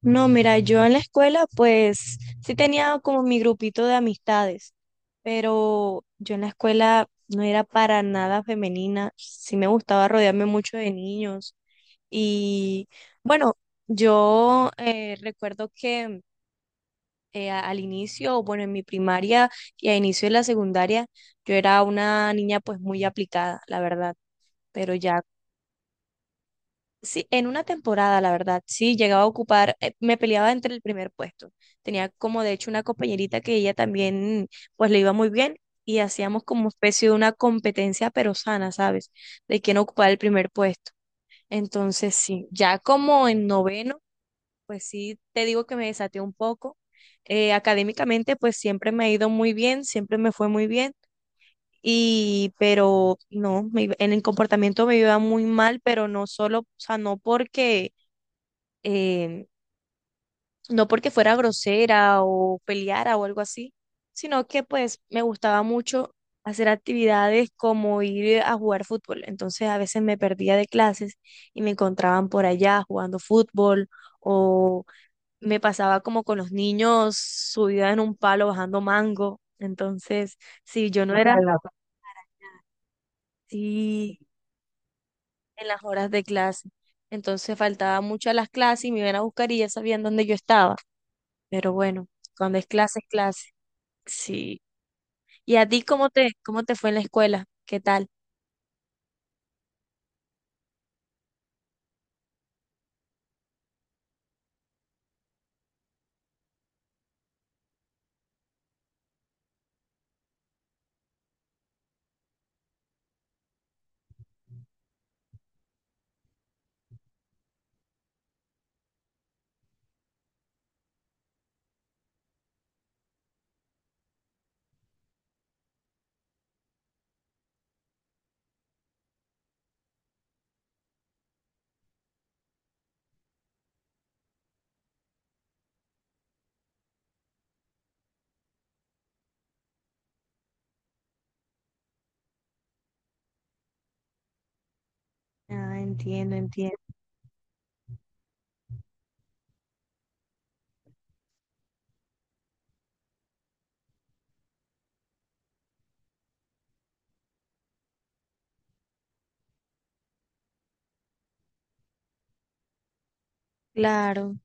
No, mira, yo en la escuela pues sí tenía como mi grupito de amistades, pero yo en la escuela no era para nada femenina, sí me gustaba rodearme mucho de niños y bueno, yo recuerdo que al inicio, bueno, en mi primaria y a inicio de la secundaria, yo era una niña pues muy aplicada, la verdad. Pero ya, sí, en una temporada, la verdad, sí, llegaba a ocupar, me peleaba entre el primer puesto. Tenía como de hecho una compañerita que ella también, pues le iba muy bien y hacíamos como especie de una competencia pero sana, ¿sabes? De quién ocupaba el primer puesto. Entonces, sí, ya como en noveno, pues sí, te digo que me desaté un poco. Académicamente, pues siempre me ha ido muy bien, siempre me fue muy bien. Y, pero no, en el comportamiento me iba muy mal, pero no solo, o sea, no porque eh, no porque fuera grosera o peleara o algo así, sino que pues me gustaba mucho hacer actividades como ir a jugar fútbol. Entonces a veces me perdía de clases y me encontraban por allá jugando fútbol o me pasaba como con los niños subida en un palo bajando mango. Entonces, si yo no era así en las horas de clase, entonces faltaba mucho a las clases y me iban a buscar y ya sabían dónde yo estaba. Pero bueno, cuando es clase, es clase. Sí. ¿Y a ti cómo cómo te fue en la escuela? ¿Qué tal? Ah, entiendo, entiendo. Claro,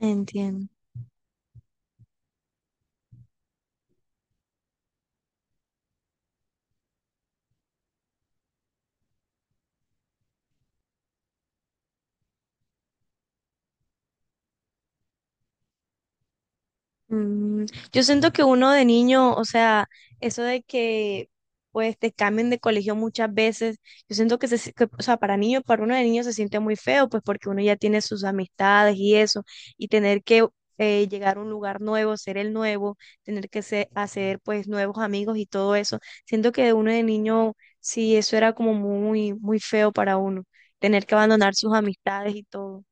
entiendo. Mm, yo siento que uno de niño, o sea, eso de que pues te cambien de colegio muchas veces, yo siento que, o sea, para niño, para uno de niño se siente muy feo, pues porque uno ya tiene sus amistades y eso, y tener que llegar a un lugar nuevo, ser el nuevo, hacer pues nuevos amigos y todo eso, siento que de uno de niño, sí, eso era como muy, muy feo para uno, tener que abandonar sus amistades y todo.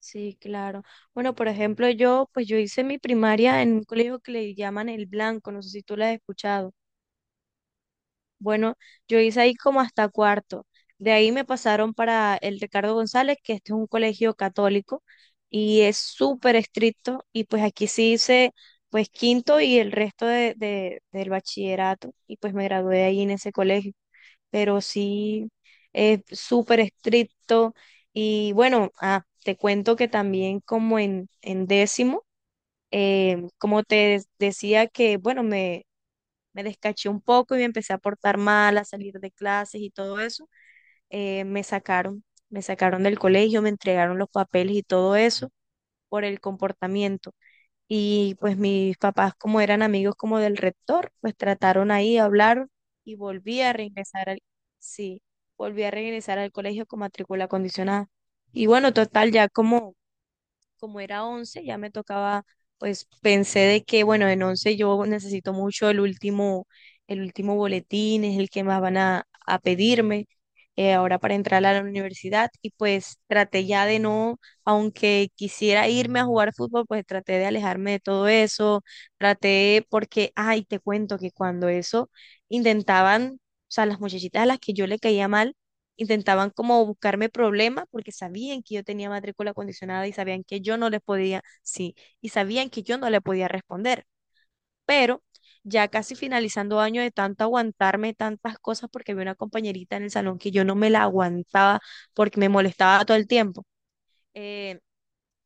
Sí, claro. Bueno, por ejemplo, pues yo hice mi primaria en un colegio que le llaman El Blanco, no sé si tú lo has escuchado. Bueno, yo hice ahí como hasta cuarto. De ahí me pasaron para el Ricardo González, que este es un colegio católico y es súper estricto. Y pues aquí sí hice pues quinto y el resto del bachillerato y pues me gradué ahí en ese colegio, pero sí es súper estricto. Y bueno, ah, te cuento que también como en décimo, como te decía que, bueno, me descaché un poco y me empecé a portar mal, a salir de clases y todo eso, eh, me sacaron, me sacaron del colegio, me entregaron los papeles y todo eso por el comportamiento. Y pues mis papás, como eran amigos como del rector, pues trataron ahí, de hablar y volví a regresar al, sí, volví a regresar al colegio con matrícula condicionada. Y bueno, total, ya como era 11 ya me tocaba, pues pensé de que, bueno, en 11 yo necesito mucho el último boletín, es el que más van a pedirme ahora para entrar a la universidad y pues traté ya de no, aunque quisiera irme a jugar fútbol, pues traté de alejarme de todo eso, traté porque, ay, te cuento que cuando eso intentaban, o sea, las muchachitas a las que yo le caía mal, intentaban como buscarme problemas porque sabían que yo tenía matrícula condicionada y sabían que yo no les podía, sí, y sabían que yo no le podía responder. Pero ya casi finalizando año de tanto aguantarme tantas cosas porque había una compañerita en el salón que yo no me la aguantaba porque me molestaba todo el tiempo. Eh,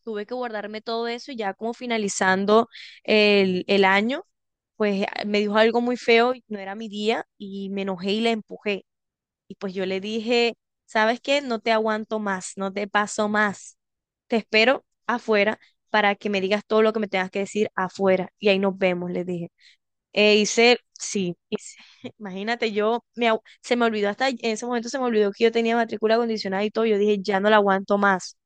Tuve que guardarme todo eso y ya como finalizando el año, pues me dijo algo muy feo, y no era mi día y me enojé y la empujé. Y pues yo le dije, ¿sabes qué? No te aguanto más, no te paso más. Te espero afuera para que me digas todo lo que me tengas que decir afuera. Y ahí nos vemos, le dije. E hice, sí, hice- imagínate, se me olvidó hasta en ese momento, se me olvidó que yo tenía matrícula condicionada y todo. Yo dije, ya no la aguanto más.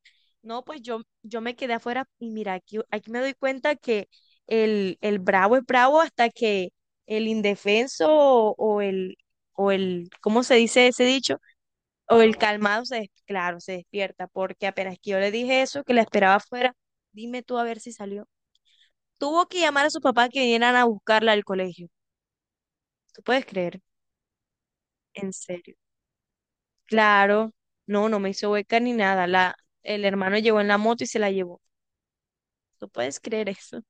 No, pues yo me quedé afuera y mira, aquí me doy cuenta que el bravo es bravo hasta que el indefenso o el, ¿cómo se dice ese dicho? O el calmado claro, se despierta, porque apenas que yo le dije eso, que la esperaba afuera, dime tú a ver si salió. Tuvo que llamar a su papá que vinieran a buscarla al colegio. ¿Tú puedes creer? En serio. Claro, no, no me hizo hueca ni nada. El hermano llegó en la moto y se la llevó. ¿Tú puedes creer eso?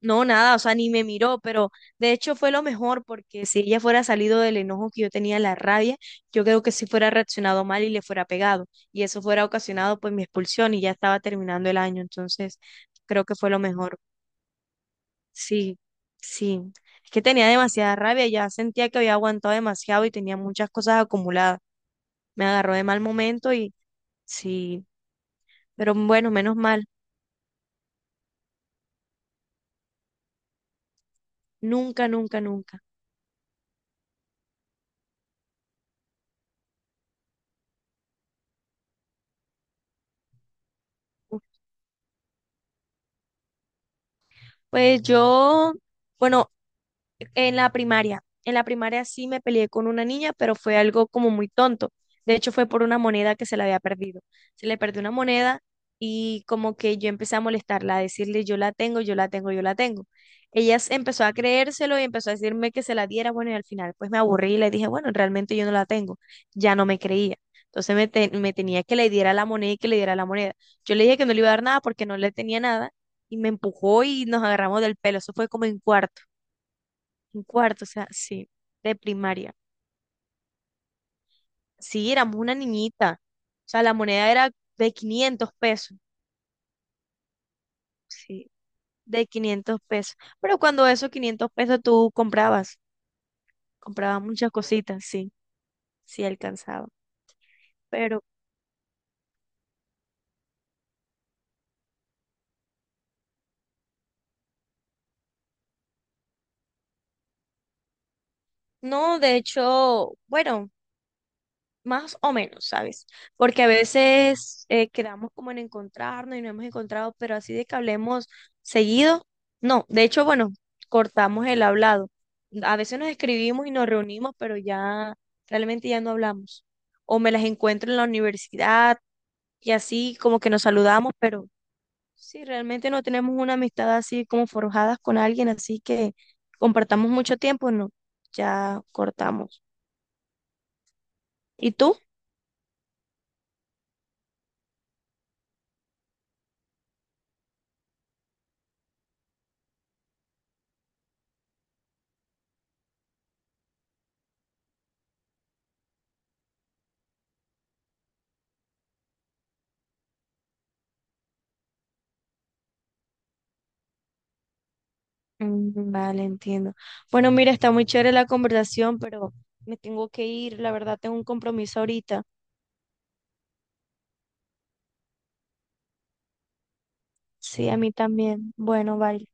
No, nada, o sea, ni me miró, pero de hecho fue lo mejor porque si ella fuera salido del enojo que yo tenía, la rabia, yo creo que sí fuera reaccionado mal y le fuera pegado. Y eso fuera ocasionado pues mi expulsión y ya estaba terminando el año. Entonces, creo que fue lo mejor. Sí, sí. Es que tenía demasiada rabia, ya sentía que había aguantado demasiado y tenía muchas cosas acumuladas. Me agarró de mal momento y sí, pero bueno, menos mal. Nunca, nunca, nunca. Pues yo... Bueno, en la primaria, en la primaria sí me peleé con una niña, pero fue algo como muy tonto. De hecho, fue por una moneda que se le había perdido. Se le perdió una moneda y como que yo empecé a molestarla, a decirle, yo la tengo, yo la tengo, yo la tengo. Empezó a creérselo y empezó a decirme que se la diera. Bueno, y al final pues me aburrí y le dije, bueno, realmente yo no la tengo. Ya no me creía. Entonces me tenía que le diera la moneda y que le diera la moneda. Yo le dije que no le iba a dar nada porque no le tenía nada y me empujó y nos agarramos del pelo. Eso fue como en cuarto. En cuarto, o sea, sí, de primaria. Sí, éramos una niñita. O sea, la moneda era de 500 pesos. Sí, de 500 pesos. Pero cuando esos 500 pesos tú comprabas, comprabas muchas cositas, sí, sí alcanzaba. Pero no, de hecho, bueno, más o menos, ¿sabes? Porque a veces quedamos como en encontrarnos y no hemos encontrado, pero así de que hablemos seguido, no. De hecho, bueno, cortamos el hablado. A veces nos escribimos y nos reunimos, pero ya realmente ya no hablamos. O me las encuentro en la universidad y así como que nos saludamos, pero sí, realmente no tenemos una amistad así como forjadas con alguien, así que compartamos mucho tiempo, no. Ya cortamos. ¿Y tú? Mm, vale, entiendo. Bueno, mira, está muy chévere la conversación, pero me tengo que ir, la verdad, tengo un compromiso ahorita. Sí, a mí también. Bueno, vale.